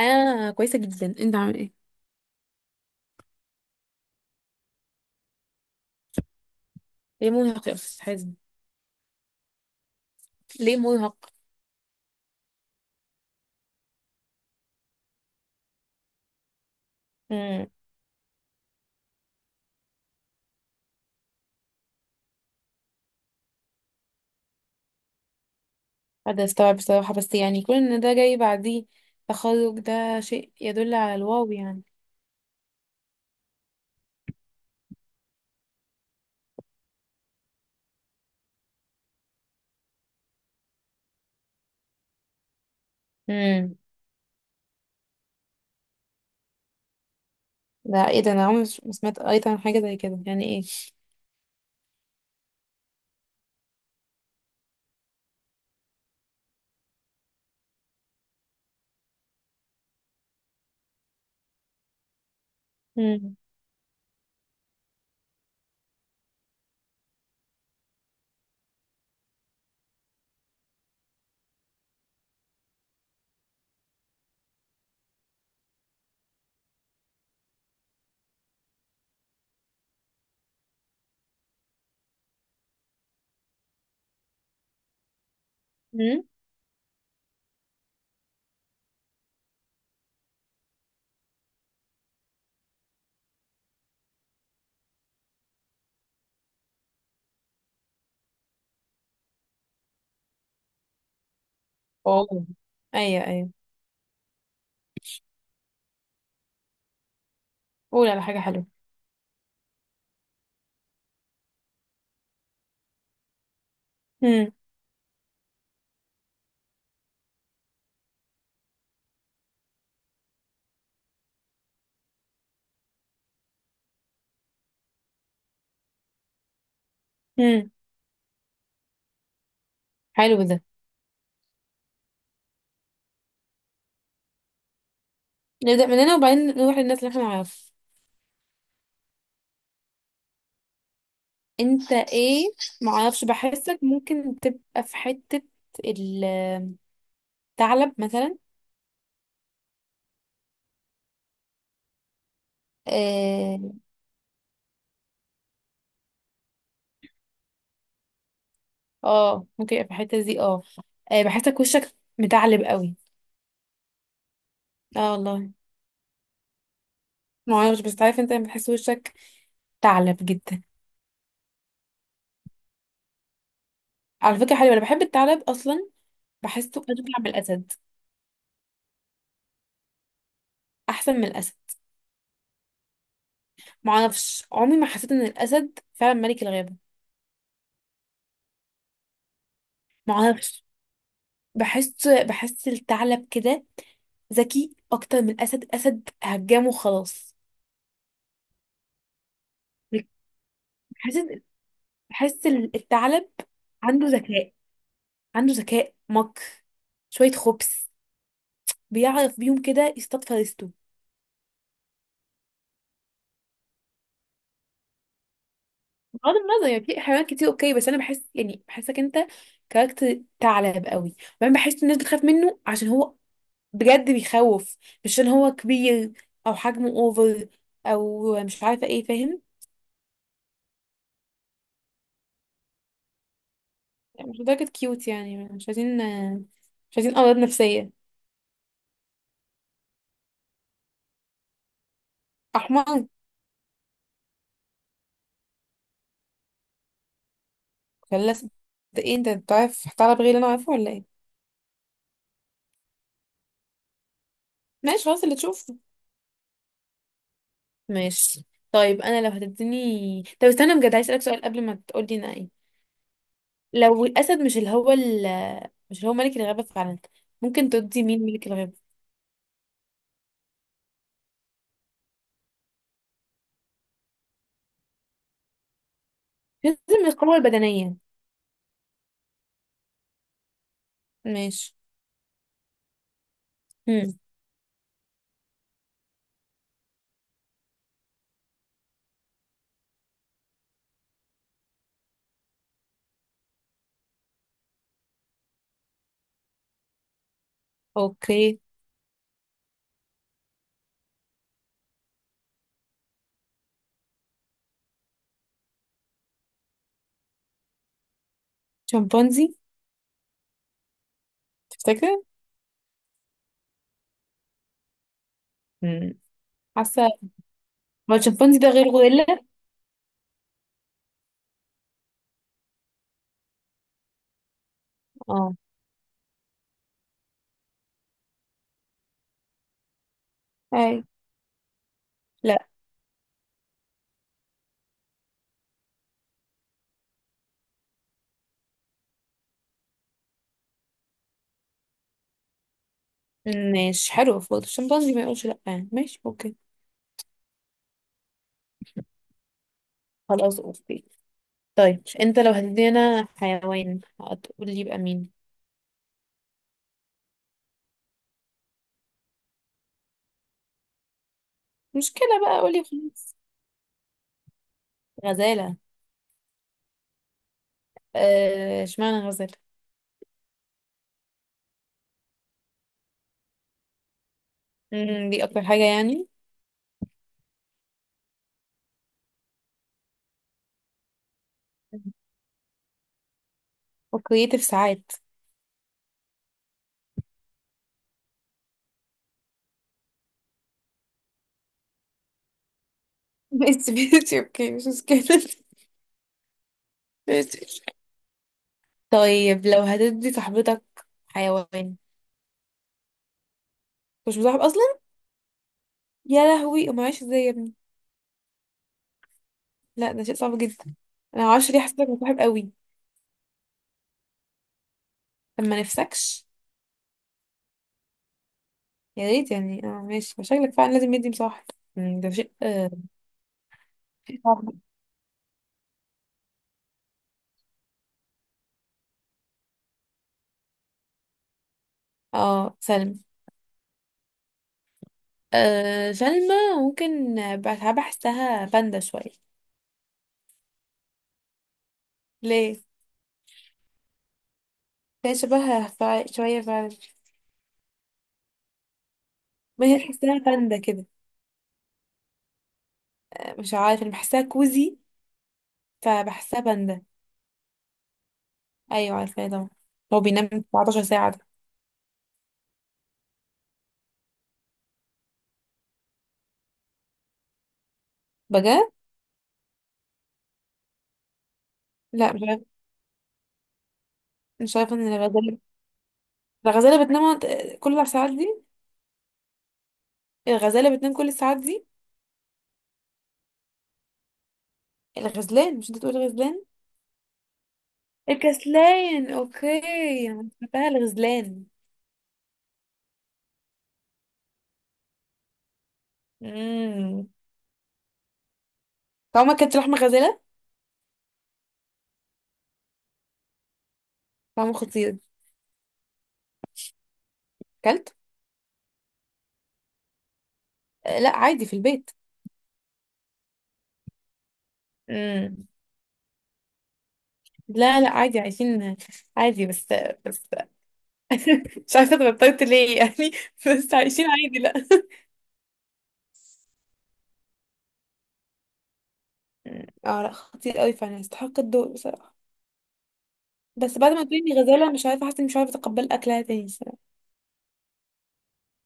انا كويسه جدا، انت عامل ايه؟ ليه مرهق يا استاذ حازم؟ ليه مرهق؟ امم هذا استوعب بصراحه، بس يعني كون ان ده جاي بعديه تخرج ده شيء يدل على الواو يعني. امم ده ايه ده؟ انا عمري ما سمعت قريت عن حاجه زي كده، يعني ايه؟ امم امم اوه، ايوه ايوه. قول على حاجه حلوه. امم امم حلو ده. نبدا من هنا وبعدين نروح للناس اللي احنا نعرفها. انت ايه؟ معرفش، بحسك ممكن تبقى في حته، ال- الثعلب مثلا. اه. آه، ممكن يبقى في الحته دي، اه. آه، بحسك وشك متعلب قوي. اه والله. ما اعرفش، بس عارف انت لما تحس وشك تعلب جدا. على فكره حلوه، انا بحب الثعلب اصلا. بحسه اشبه من الاسد. احسن من الاسد. ما اعرفش، عمري ما حسيت ان الاسد فعلا ملك الغابه. ما اعرفش. بحس الثعلب كده، ذكي اكتر من الاسد. الاسد هجامه خلاص. بحس بحس الثعلب عنده ذكاء. عنده ذكاء، مكر، شويه خبث. بيعرف بيهم كده يصطاد فريسته. بغض النظر يعني، في حيوانات كتير اوكي، بس انا بحس يعني بحسك انت كاركتر ثعلب قوي. وبعدين بحس الناس بتخاف منه عشان هو بجد بيخوف. مش عشان هو كبير او حجمه اوفر، او مش عارفه ايه، فاهم؟ يعني مش لدرجه كيوت، يعني مش عايزين امراض نفسيه. احمر. خلاص. ده ايه، انت بتعرف ثعلب غير اللي انا عارفه ولا ايه؟ ماشي خلاص اللي تشوفه. ماشي. طيب انا لو هتديني، طب استنى بجد عايز اسالك سؤال قبل ما تقولي انا ايه. لو الأسد مش اللي هو مش اللي هو ملك الغابة فعلا، ممكن تدي مين ملك الغابة؟ لازم القوة البدنية. ماشي. هم. اوكي. شمبانزي؟ تفتكر؟ هم. حاسة. هو الشمبانزي ده غير غوريلا؟ اه. اي. لا. ماشي، حلو برضه الشمبانزي، ما يقولش لا يعني. ماشي اوكي. خلاص اوكي. طيب انت لو هتدينا حيوان، هتقول لي يبقى مين؟ مشكلة بقى، قولي خلاص. غزالة؟ آه، اشمعنى غزالة؟ مم، دي اكتر حاجة يعني. وكرييتيف ساعات. ماشي ماشي اوكي، مش مشكلة. ماشي. طيب لو هتدي صاحبتك حيوان؟ مش مصاحب اصلا. يا لهوي، ما عايش ازاي يا ابني؟ لا ده شيء صعب جدا. انا معرفش ليه حسيتك مصاحب قوي. طب ما نفسكش؟ يا ريت يعني، اه ماشي، شكلك فعلا لازم يدي مصاحب. مم، ده شيء آه، شيء صعب. اه سلمى. آه سلمى، ممكن. بحب احسها باندا شوية. ليه؟ هي شبهها شوية فعلا. ما هي بحسها باندا كده. مش عارفة، انا بحسها كوزي فبحسها باندا. ايوه عارفاه طبعا. هو بينام 14 ساعه ده؟ بجد؟ لا مش عارف. مش عارفه ان الغزاله. الغزاله بتنام كل الساعات دي؟ الغزاله بتنام كل الساعات دي؟ الغزلان مش انت تقول غزلان؟ الكسلان اوكي، انا فاكراها الغزلان. امم. طعمه كانت لحمه غزاله. طعمه خطير. كلت. آه، لا عادي في البيت. امم. لا لا عادي عايشين عادي، بس مش عارفه اتغطيت ليه يعني. بس عايشين عادي لا. مم. اه لا خطير قوي فعلا يستحق الدور بصراحة. بس بعد ما تقولي غزالة، مش عارفة، حاسة اني مش عارفة اتقبل اكلها تاني الصراحة.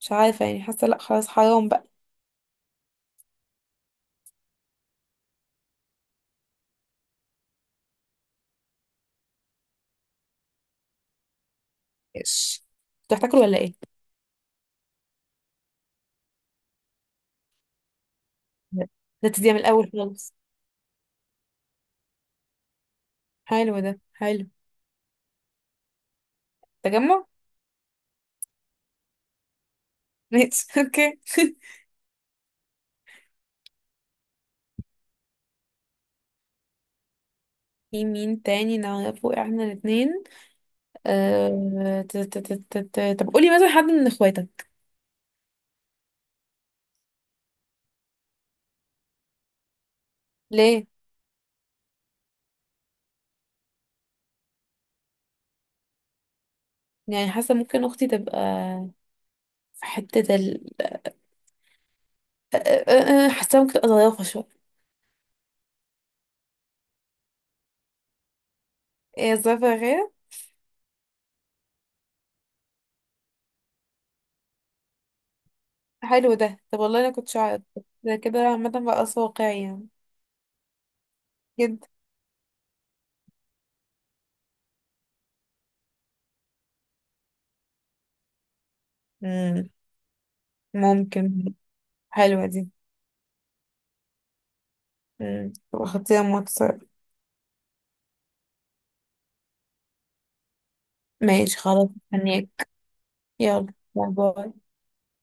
مش عارفة يعني، حاسة لا خلاص حرام بقى. ايش؟ انتوا هتاكلوا ولا ايه؟ لا. ده تديها من الاول خالص. حلو ده حلو. تجمع؟ ماشي اوكي في مين تاني نعرفه احنا الاتنين؟ أه... ت- ت- ت- ت- ت- طب قولي مثلا حد من اخواتك. ليه؟ يعني حاسة ممكن اختي تبقى في حتة ال أه، أه، أه، آه، حاسة ممكن تبقى ظريفة شوية. ايه ظريفة يا غير؟ حلو ده، طب والله انا كنتش عارف. ده كده عامة بقى واقعي يعني، جدا. مم. ممكن. حلوة دي. مم. تبقى خطيرة موت الصراحة. ماشي خلاص. هنيك. يلا باي باي.